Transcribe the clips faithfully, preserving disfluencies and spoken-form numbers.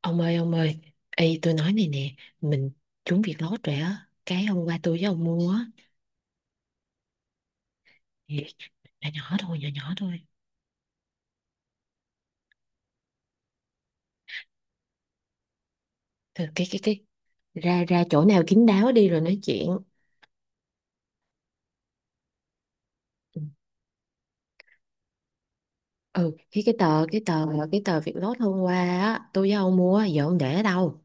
Ông ơi ông ơi, Ê tôi nói này nè, mình trúng việc lót rồi á, cái hôm qua tôi với ông mua á, thì nhỏ nhỏ thôi, nhỏ nhỏ thôi. Thôi cái cái cái ra ra chỗ nào kín đáo đi rồi nói chuyện. Ừ, Ừ, cái cái tờ cái tờ cái tờ việc lót hôm qua á, tôi với ông mua giờ ông để ở đâu?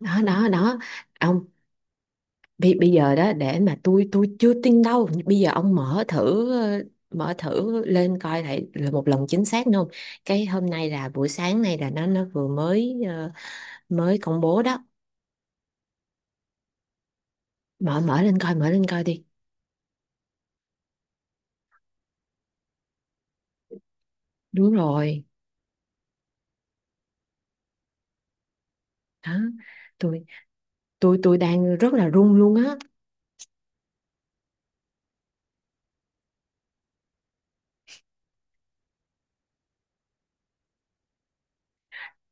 Đó đó đó. Ông bây, bây giờ đó để mà tôi tôi chưa tin đâu. Bây giờ ông mở thử ờ, mở thử lên coi lại là một lần chính xác nữa không? Cái hôm nay là buổi sáng nay là nó nó vừa mới ờ, mới công bố đó. Mở mở lên coi mở lên coi đi. Đúng rồi đó. Tôi tôi tôi đang rất là run luôn á.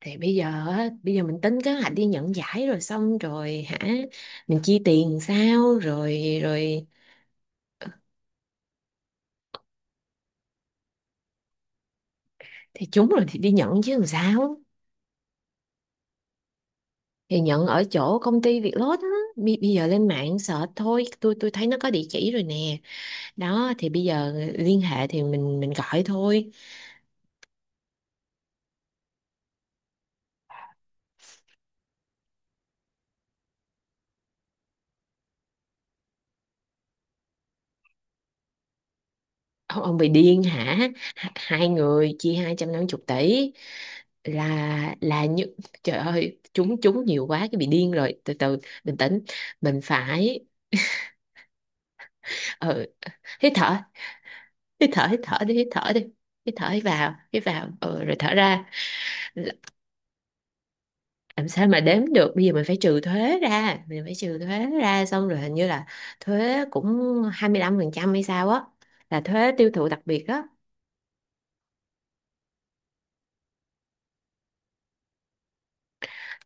Thì bây giờ á, bây giờ mình tính kế hoạch đi nhận giải rồi xong rồi hả, mình chi tiền sao rồi rồi? Thì trúng rồi thì đi nhận chứ làm sao. Thì nhận ở chỗ công ty Việt Lốt á. Bây, bây giờ lên mạng search thôi, tôi tôi thấy nó có địa chỉ rồi nè. Đó thì bây giờ liên hệ thì mình mình gọi thôi. ông, ông bị điên hả? H- hai người chia hai trăm năm mươi tỷ là là như, trời ơi chúng chúng nhiều quá cái bị điên rồi, từ từ bình tĩnh mình phải, ừ, hít thở hít thở hít thở đi hít thở đi, hít thở hít vào hít vào, ừ, rồi thở ra. Làm sao mà đếm được, bây giờ mình phải trừ thuế ra, mình phải trừ thuế ra xong rồi hình như là thuế cũng hai mươi lăm phần trăm hay sao á, là thuế tiêu thụ đặc biệt á.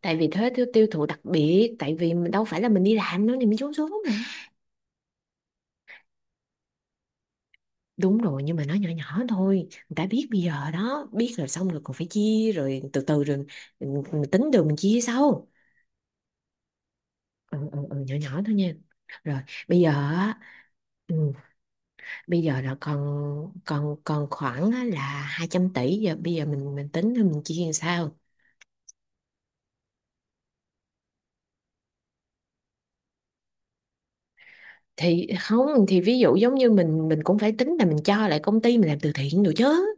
Tại vì thuế tiêu tiêu thụ đặc biệt, tại vì mình đâu phải là mình đi làm nữa thì mình trốn xuống mà. Đúng rồi, nhưng mà nó nhỏ nhỏ thôi, người ta biết bây giờ đó, biết rồi xong rồi còn phải chia rồi từ từ rồi. mình, mình tính được mình chia sau. Ừ, ừ, ừ, nhỏ nhỏ thôi nha. Rồi bây giờ á, ừ, bây giờ là còn còn còn khoảng á là hai trăm tỷ giờ, bây giờ mình mình tính rồi mình chia làm sao. Thì không thì ví dụ giống như mình mình cũng phải tính là mình cho lại công ty, mình làm từ thiện được chứ.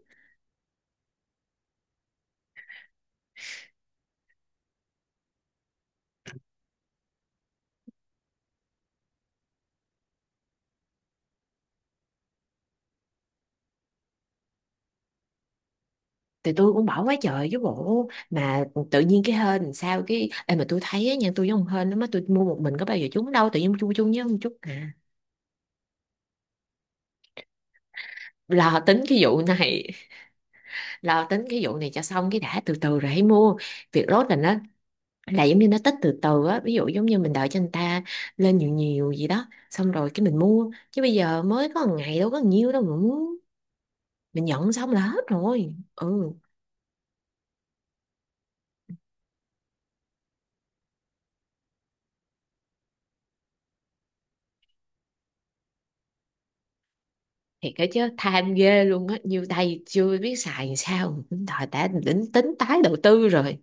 Thì tôi cũng bỏ quá trời chứ bộ, mà tự nhiên cái hên làm sao. Cái Ê, mà tôi thấy á nha, tôi với ông hên lắm á, tôi mua một mình có bao giờ trúng đâu, tự nhiên chung chung với ông chút à. Lo tính cái vụ này, lo tính cái vụ này cho xong cái đã, từ từ rồi hãy mua. Việc rốt là nó là giống như nó tích từ từ á, ví dụ giống như mình đợi cho người ta lên nhiều nhiều gì đó xong rồi cái mình mua, chứ bây giờ mới có một ngày đâu có nhiều đâu mà muốn. Mình nhận xong là hết rồi ừ. Thiệt cái chứ tham ghê luôn á, nhiêu tay chưa biết xài làm sao thời đã đến tính tái đầu tư rồi.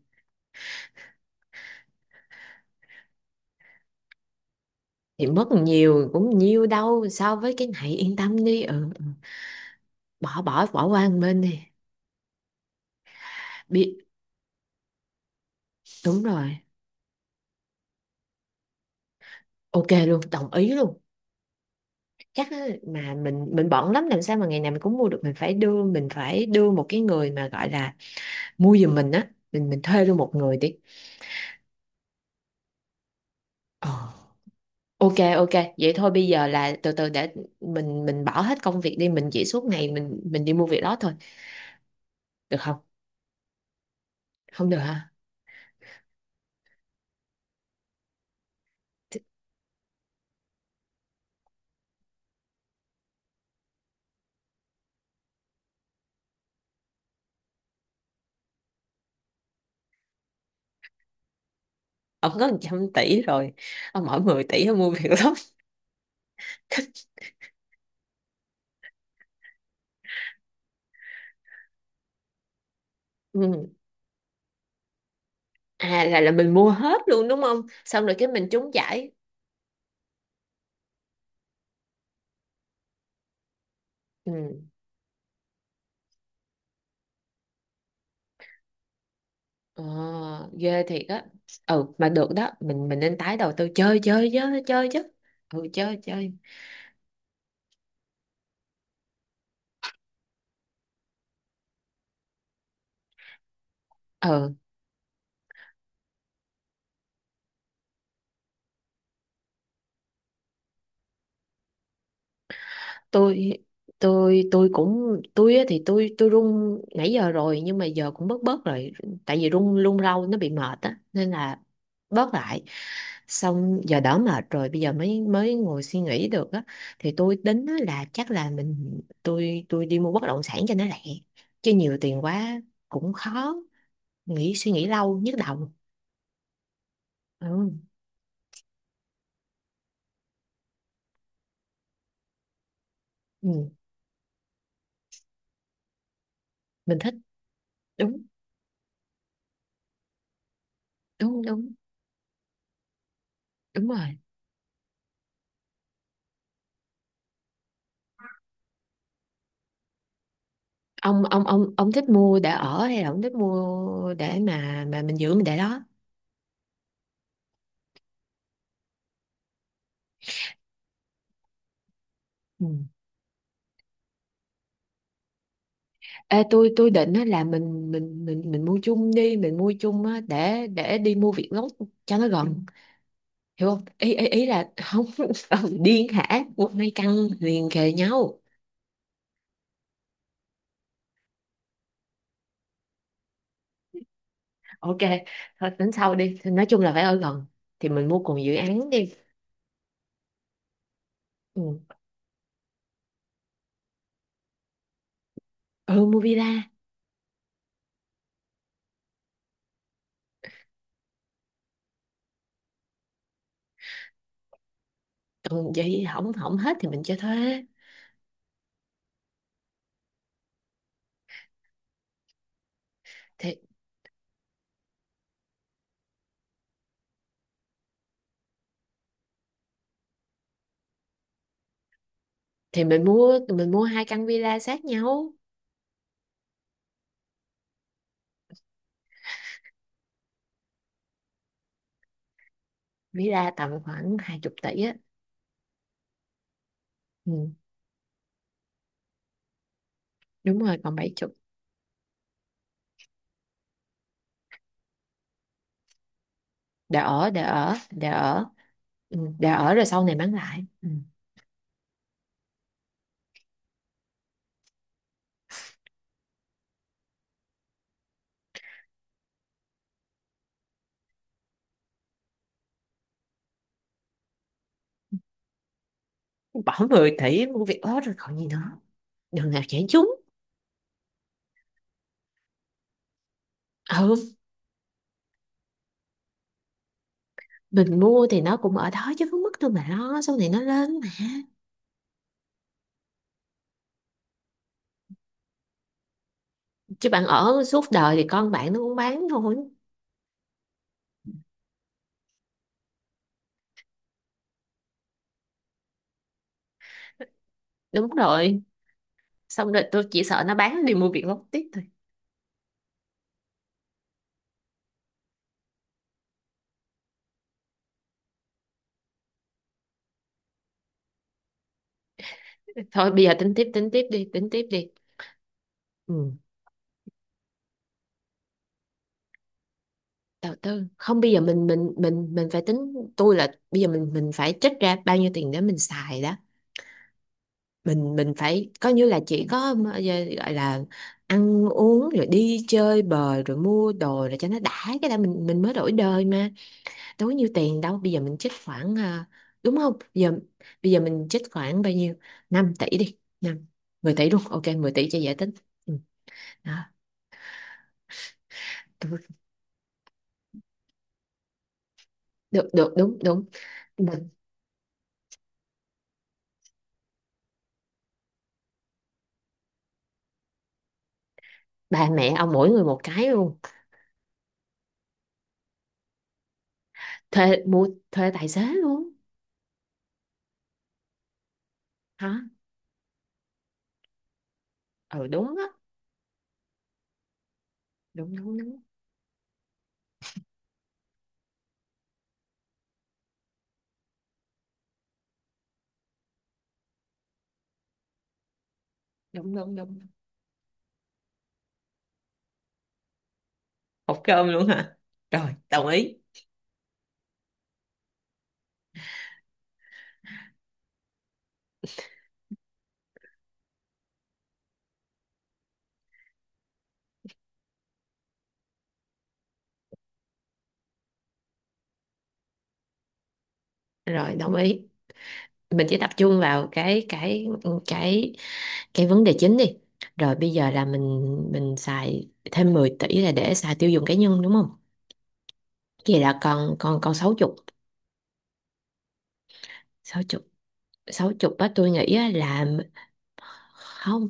Thì mất nhiều cũng nhiều đâu so với cái này, yên tâm đi. Ừ. Ừ. bỏ bỏ Bỏ qua một bên đi. Biết. Đúng rồi, ok luôn, đồng ý luôn. Chắc á, mà mình mình bận lắm, làm sao mà ngày nào mình cũng mua được, mình phải đưa mình phải đưa một cái người mà gọi là mua giùm mình á, mình mình thuê luôn một người đi. Ờ. Ok ok, vậy thôi bây giờ là từ từ để mình mình bỏ hết công việc đi, mình chỉ suốt ngày mình mình đi mua việc đó thôi, được không? Không được hả? Ông có một trăm tỷ rồi, ông mỗi mười tỷ ông mua việc lắm. Ừ. À, là là mình mua hết luôn đúng không, xong rồi cái mình trúng giải. Ừ. Ờ, ghê thiệt á. Ừ mà được đó, mình mình nên tái đầu tư, chơi chơi chứ, chơi chứ. Ừ chơi chơi. Ừ tôi, tôi tôi cũng tôi á thì tôi tôi run nãy giờ rồi, nhưng mà giờ cũng bớt bớt rồi, tại vì run run rau nó bị mệt á nên là bớt lại, xong giờ đỡ mệt rồi bây giờ mới mới ngồi suy nghĩ được á. Thì tôi tính á là chắc là mình, tôi tôi đi mua bất động sản cho nó lẹ, chứ nhiều tiền quá cũng khó nghĩ, suy nghĩ lâu nhức đầu. Ừ, ừ, mình thích. Đúng. Đúng đúng. Đúng rồi. Ông ông ông ông thích mua để ở hay là ông thích mua để mà mà mình giữ mình để đó. Ừ. Ê, tôi tôi định á là mình mình mình mình mua chung đi, mình mua chung á để để đi mua việc gốc cho nó gần, hiểu không? Ý ý, Ý là không. Ông điên hả, mua hai căn liền kề nhau. Ok thôi tính sau đi. Thì nói chung là phải ở gần thì mình mua cùng dự án đi. Ừ, ừ mua villa. Ừ, vậy hỏng hỏng hết thì mình cho thuê. thì thì mình mua mình mua hai căn villa sát nhau. Ví ra tầm khoảng hai chục tỷ á. Ừ, đúng rồi còn bảy chục. để ở để ở để ở. Ừ, để ở rồi sau này bán lại ừ. Bỏ mười tỷ mua việc ớt rồi còn gì nữa, đường nào chảy chúng. Ừ mình mua thì nó cũng ở đó chứ không mất đâu mà lo. Sau này nó lên mà. Chứ bạn ở suốt đời thì con bạn nó cũng bán thôi. Đúng rồi. Xong rồi tôi chỉ sợ nó bán đi mua việc lót tiếp thôi. Thôi bây giờ tính tiếp, tính tiếp đi, tính tiếp đi. Ừ. Đầu tư không, bây giờ mình mình mình mình phải tính tôi là bây giờ mình mình phải trích ra bao nhiêu tiền để mình xài đó. Mình mình phải coi như là chỉ có mà- giờ gọi là ăn uống rồi đi chơi bời rồi mua đồ rồi cho nó đã, cái đó mình mình mới đổi đời mà. Đâu có nhiêu tiền đâu, bây giờ mình trích khoảng à, đúng không, bây giờ bây giờ mình trích khoảng bao nhiêu, năm tỷ đi. Năm, mười tỷ luôn, ok mười tỷ cho dễ tính. Ừ. Đó. Được, được, đúng đúng. Mình- Ba mẹ ông mỗi người một cái luôn. Thuê, mua thuê tài xế luôn. Hả. Ừ đúng á. Đúng đúng đúng, đúng đúng đúng. Hộp cơm luôn hả? Rồi đồng ý. Rồi đồng ý mình chỉ tập trung vào cái cái cái cái vấn đề chính đi. Rồi bây giờ là mình mình xài thêm mười tỷ là để xài tiêu dùng cá nhân đúng không, vậy là còn còn còn sáu chục. Sáu chục, sáu chục á tôi nghĩ á là. Không,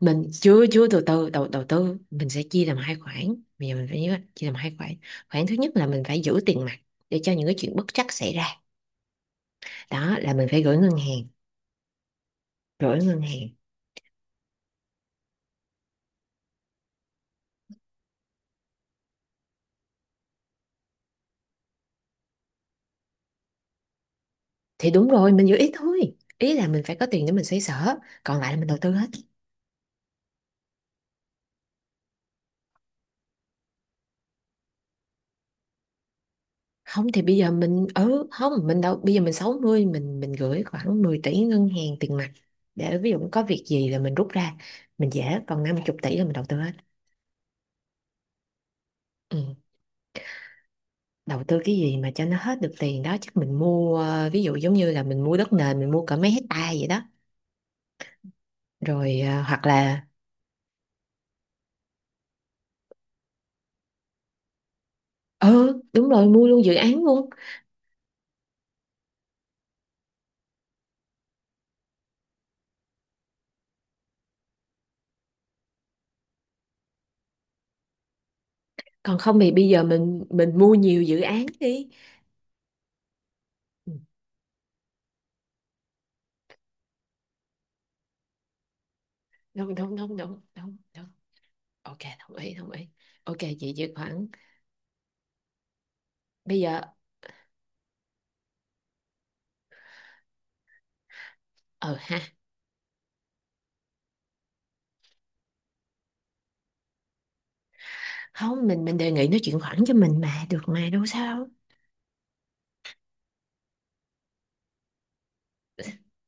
mình chưa chưa từ từ, đầu đầu tư mình sẽ chia làm hai khoản, bây giờ mình phải nhớ chia làm hai khoản. Khoản thứ nhất là mình phải giữ tiền mặt để cho những cái chuyện bất trắc xảy ra, đó là mình phải gửi ngân hàng. Gửi ngân hàng thì đúng rồi, mình giữ ít thôi ý là mình phải có tiền để mình xoay sở, còn lại là mình đầu tư hết. Không thì bây giờ mình, ừ không mình đâu, bây giờ mình sáu mươi mình mình gửi khoảng mười tỷ ngân hàng tiền mặt để ví dụ có việc gì là mình rút ra mình dễ, còn năm mươi tỷ là mình đầu tư hết. Ừ. Đầu tư cái gì mà cho nó hết được tiền đó, chắc mình mua ờ, ví dụ giống như là mình mua đất nền mình mua cả mấy hectare vậy đó, rồi ờ, hoặc là ừ đúng rồi mua luôn dự án luôn. Còn không thì bây giờ mình mình mua nhiều dự án đi. Ừ, đúng đúng đúng, đúng đúng đúng. Ok đồng ý, đồng ý. Ok chị chuyển khoản. Bây giờ ờ ha, không mình mình đề nghị nó chuyển khoản cho mình mà được mà đâu sao đâu.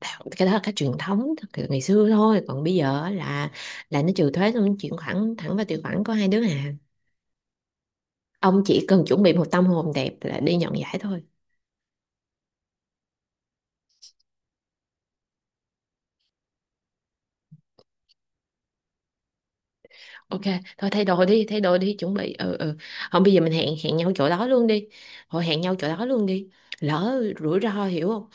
Đạo- cái đó là cái truyền thống từ ngày xưa thôi, còn bây giờ á là là nó trừ thuế xong nó chuyển khoản thẳng vào tài khoản của hai đứa à. Ông chỉ cần chuẩn bị một tâm hồn đẹp là đi nhận giải thôi. Ok thôi thay đồ đi, thay đồ đi chuẩn bị ừ ừ. Không bây giờ mình hẹn, hẹn nhau chỗ đó luôn đi, thôi hẹn nhau chỗ đó luôn đi, lỡ rủi ro hiểu không.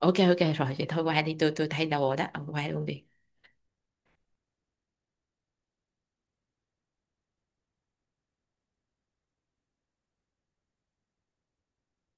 Ok ok rồi vậy, thôi qua đi, tôi tôi thay đồ đó ông qua luôn đi.